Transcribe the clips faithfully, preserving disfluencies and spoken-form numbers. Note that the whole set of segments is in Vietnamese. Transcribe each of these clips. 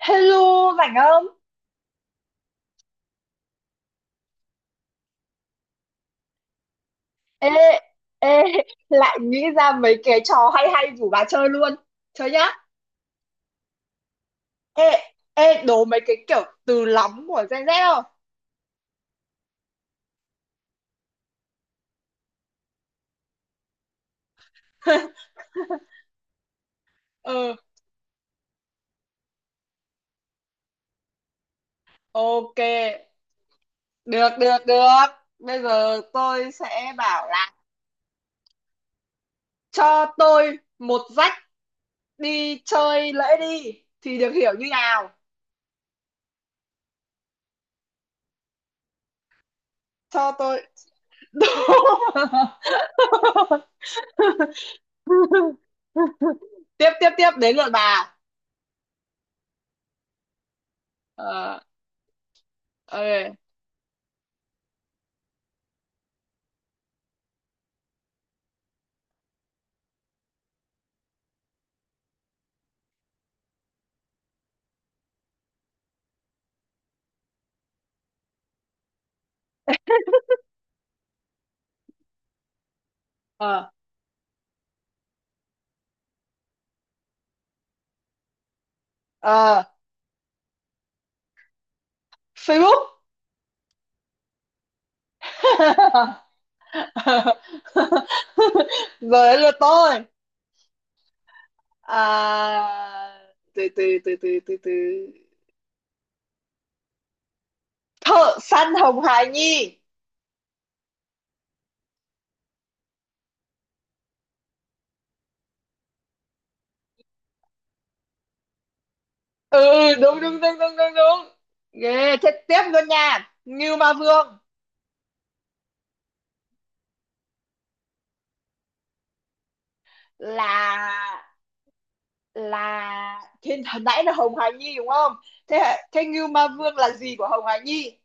Hello, rảnh không? Ê, ê, lại nghĩ ra mấy cái trò hay hay rủ bà chơi luôn. Chơi nhá. Ê, ê, đố mấy cái kiểu từ lóng của Gen Z không? Ừ, ok. Được, được, được. Bây giờ tôi sẽ bảo là cho tôi một rách đi chơi lễ đi. Thì được hiểu như nào? Cho tôi... tiếp, tiếp, tiếp. Đến lượt bà. Ờ, ok. Ờ, ờ. Facebook. Rồi đến lượt tôi. à, từ từ từ từ từ từ Thợ săn Hồng Hải Nhi. Ừ ừ, đúng đúng đúng đúng đúng đúng, ghê thế. Tiếp luôn nha, Ngưu Ma Vương. Là là thế, hồi nãy là Hồng Hải Nhi đúng không? Thế thế Ngưu Ma Vương là gì của Hồng Hải Nhi?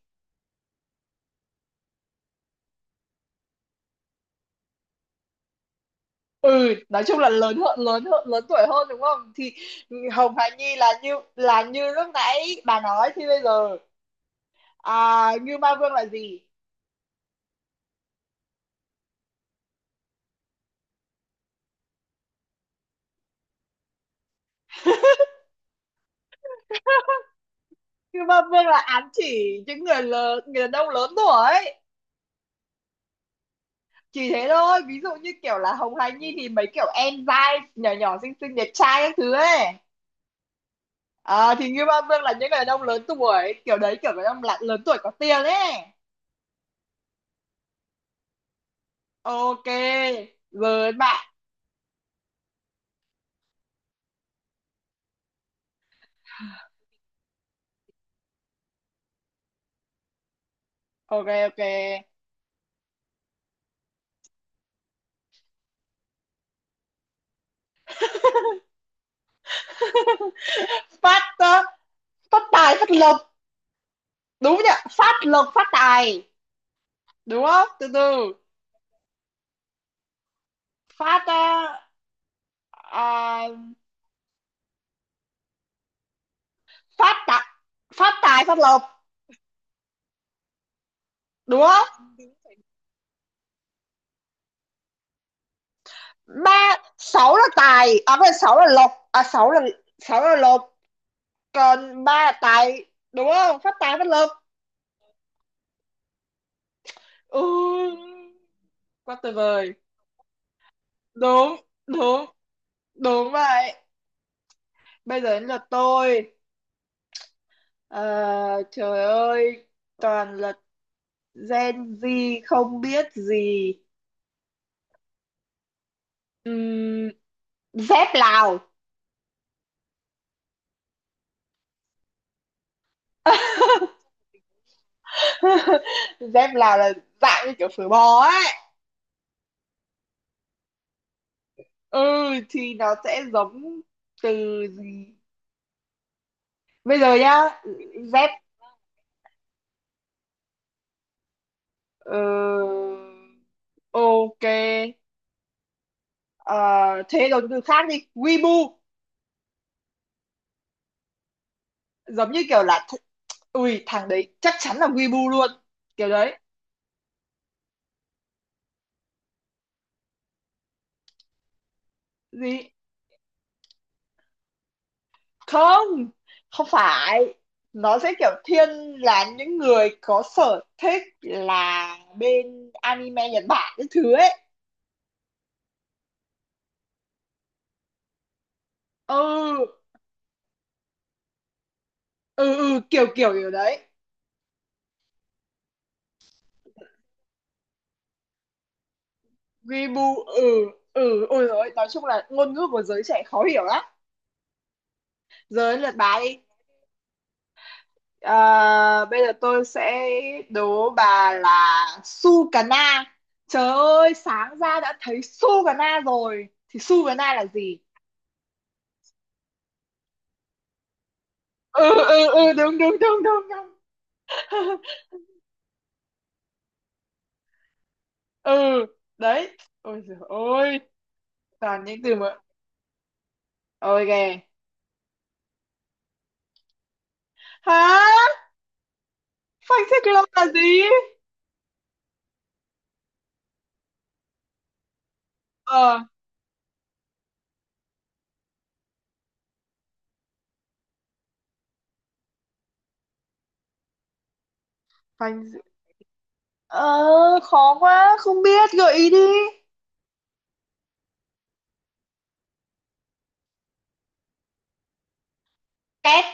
Ừ, nói chung là lớn hơn lớn hơn lớn tuổi hơn đúng không, thì Hồng Hà Nhi là như là như lúc nãy bà nói. Thì bây giờ à, Như Ma Vương là gì? Như Ma Vương là ám chỉ những người lớn, người đàn ông lớn tuổi, chỉ thế thôi. Ví dụ như kiểu là Hồng Hà Nhi thì mấy kiểu em dai nhỏ nhỏ xinh xinh đẹp trai các thứ ấy, à, thì Như Ma Vương là những người đàn ông lớn tuổi kiểu đấy, kiểu người đàn ông là lớn tuổi có tiền ấy. Ok, rồi bạn. Ok, ok. Phát ờ, phát tài phát lộc, đúng nhỉ? Phát lộc phát tài, đúng không? Từ từ. Phát ờ, à, phát tài phát tài phát lộc, đúng không? Ba sáu là tài à? Phải, sáu là lộc à? Sáu là sáu là lộc, còn ba là tài, đúng không? Phát tài phát lộc. Ừ, quá tuyệt vời. Đúng, đúng, đúng vậy. Bây giờ đến lượt tôi. Ờ, Trời ơi, toàn là Gen Z không biết gì. Ừm, Dép Lào. Dép Lào là dạng như kiểu phở bò ấy. Ừ thì nó sẽ giống từ gì? Bây giờ nhá, dép ờ, ok. Ờ, Thế rồi từ khác đi, Weibo. Giống như kiểu là th- ui, thằng đấy chắc chắn là Weibo luôn, kiểu đấy. Gì? Không, không phải, nó sẽ kiểu thiên là những người có sở thích là bên anime Nhật Bản cái thứ ấy. Ừ ừ ừ, kiểu kiểu kiểu đấy. Weibo. Ừ ừ, ôi rồi, nói chung là ngôn ngữ của giới trẻ khó hiểu lắm. Giới lượt bà đi. Ờ, Bây giờ tôi sẽ đố bà là Sukana. Trời ơi, sáng ra đã thấy Sukana rồi thì Sukana là gì? Ừ ừ ừ, đúng đúng đúng đúng đúng. Ừ đấy. Ôi giời ơi, toàn những từ mà. Ôi kìa. Hả? Phanh xích lô là gì? ờ Phanh dự- ờ khó quá, không biết, gợi ý đi. Tét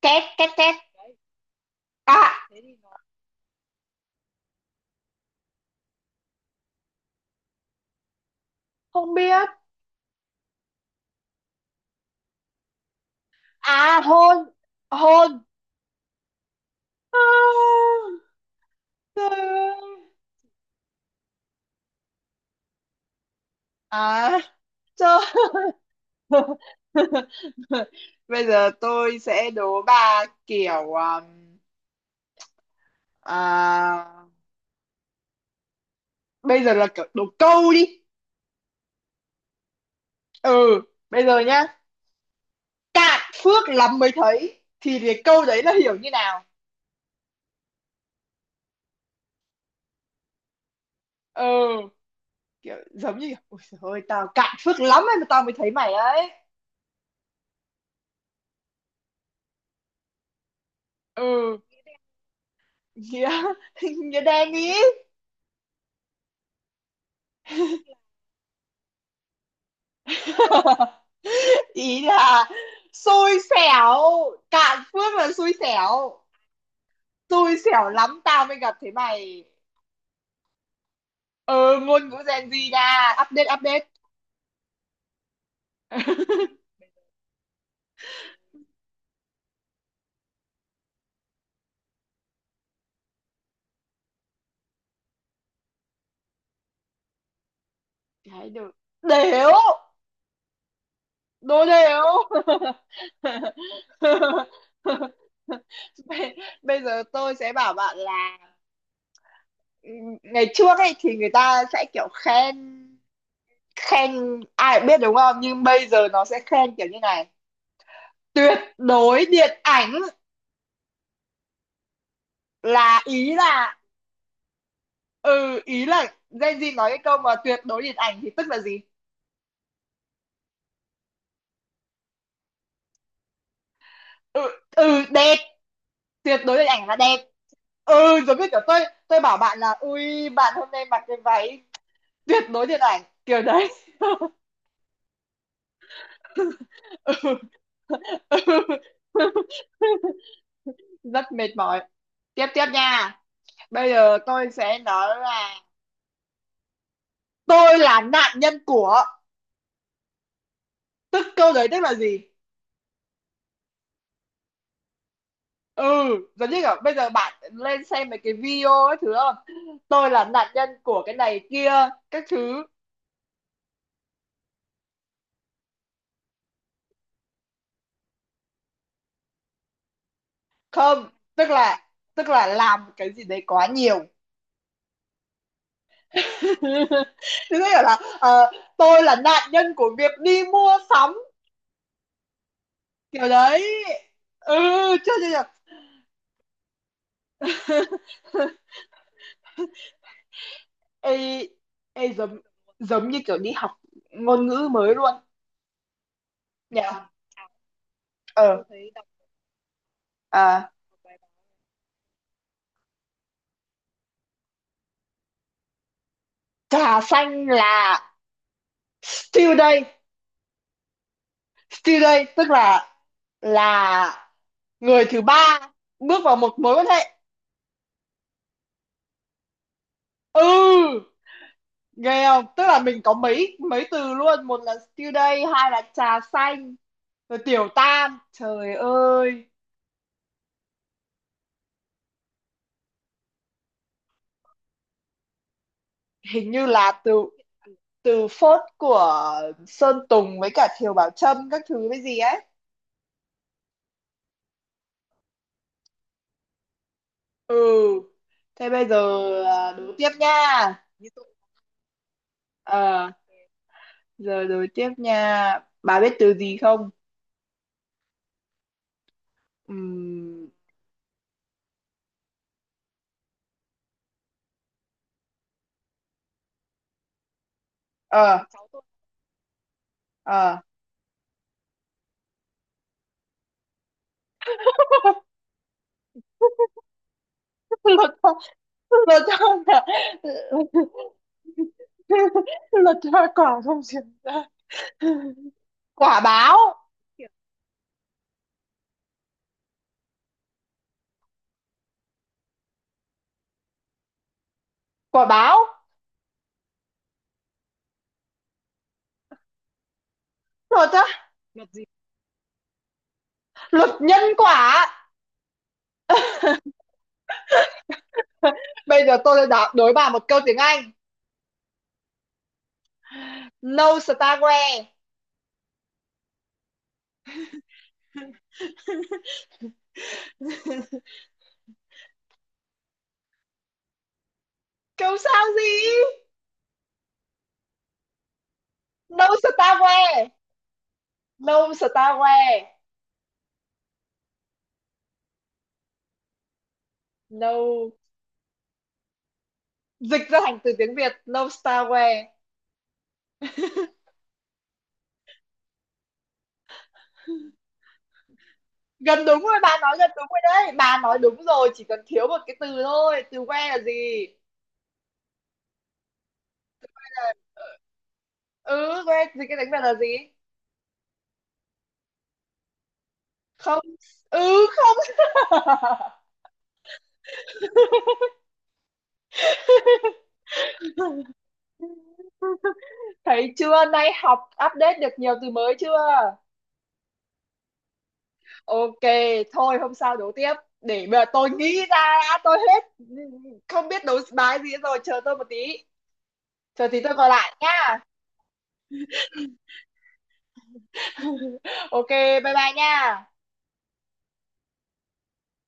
tét tét tét. À, không biết. À, hôn. Hôn. À, trời ơi. À, trời ơi. Bây giờ tôi sẽ đố bà kiểu um, à, bây giờ là kiểu đố câu đi. Ừ, bây giờ nhá, cạn phước lắm mới thấy, thì cái câu đấy là hiểu như nào? Ừ, kiểu giống như kiểu, ôi trời ơi tao cạn phước lắm ấy mà tao mới thấy mày ấy. Ừ. Nghĩa nghĩa đen ý. Ý là xui xẻo. Cạn phước là xui xẻo. Xui xẻo lắm tao mới gặp thấy mày. Ừ, ngôn ngữ Gen Z nha, update update. Cái được. Đéo. Đồ đểu. bây, Bây giờ tôi sẽ bảo bạn là ừ, ngày trước ấy thì người ta sẽ kiểu khen. Khen ai cũng biết đúng không, nhưng bây giờ nó sẽ khen kiểu như này: tuyệt đối điện ảnh. Là ý là ừ Ý là Gen Z nói cái câu mà tuyệt đối điện ảnh thì tức là gì? Ừ, ừ đẹp. Tuyệt đối điện ảnh là đẹp. Ừ, giống như kiểu tôi tôi bảo bạn là ui, bạn hôm nay mặc cái váy tuyệt đối điện ảnh, kiểu đấy. Ừ. Ừ. Rất mệt mỏi. Tiếp tiếp nha. Bây giờ tôi sẽ nói là tôi là nạn nhân của, tức câu đấy tức là gì? Ừ, giống như kiểu bây giờ bạn lên xem mấy cái video ấy thứ không, tôi là nạn nhân của cái này kia các thứ. Không. Tức là tức là làm cái gì đấy quá nhiều. Tức là ờ, tôi là nạn nhân của việc đi mua sắm kiểu đấy. Ừ. Chưa chưa chưa. Ê, ê giống, giống như kiểu đi học ngôn ngữ mới luôn nhỉ. ờ à, Trà xanh là still đây. Still đây tức là là người thứ ba bước vào một mối quan hệ. Ừ, ghê không, tức là mình có mấy mấy từ luôn, một là still đây, hai là trà xanh, rồi tiểu tam. Trời ơi, hình như là từ từ phốt của Sơn Tùng với cả Thiều Bảo Trâm các thứ với gì ấy. Ừ, thế bây giờ à, đố tiếp nha. ờ Giờ đố tiếp nha, bà biết từ gì không? Ừm, ờ ờ lột ra, lột ra quả. Lột ra quả không chuyển ra. Quả báo. Quả báo. Lột ra. Luật gì? Luật nhân quả. Bây giờ tôi sẽ đá- đố bà một câu tiếng Anh. No starware. Câu sao gì? No starware. No starware. No. Dịch ra thành từ tiếng Việt. No starware. Gần đúng rồi, bà nói gần đúng rồi đấy. Bà nói đúng rồi, chỉ cần thiếu một cái từ thôi. Từ where là gì? Ừ, where dịch cái đánh Việt là gì? Không. Ừ, không. Thấy chưa? Nay học update được nhiều từ mới chưa? Ok, thôi hôm sau đấu tiếp. Để mà tôi nghĩ ra đã, tôi hết không biết đấu bài gì rồi, chờ tôi một tí. Chờ tí tôi gọi lại nha. Ok, bye bye nha.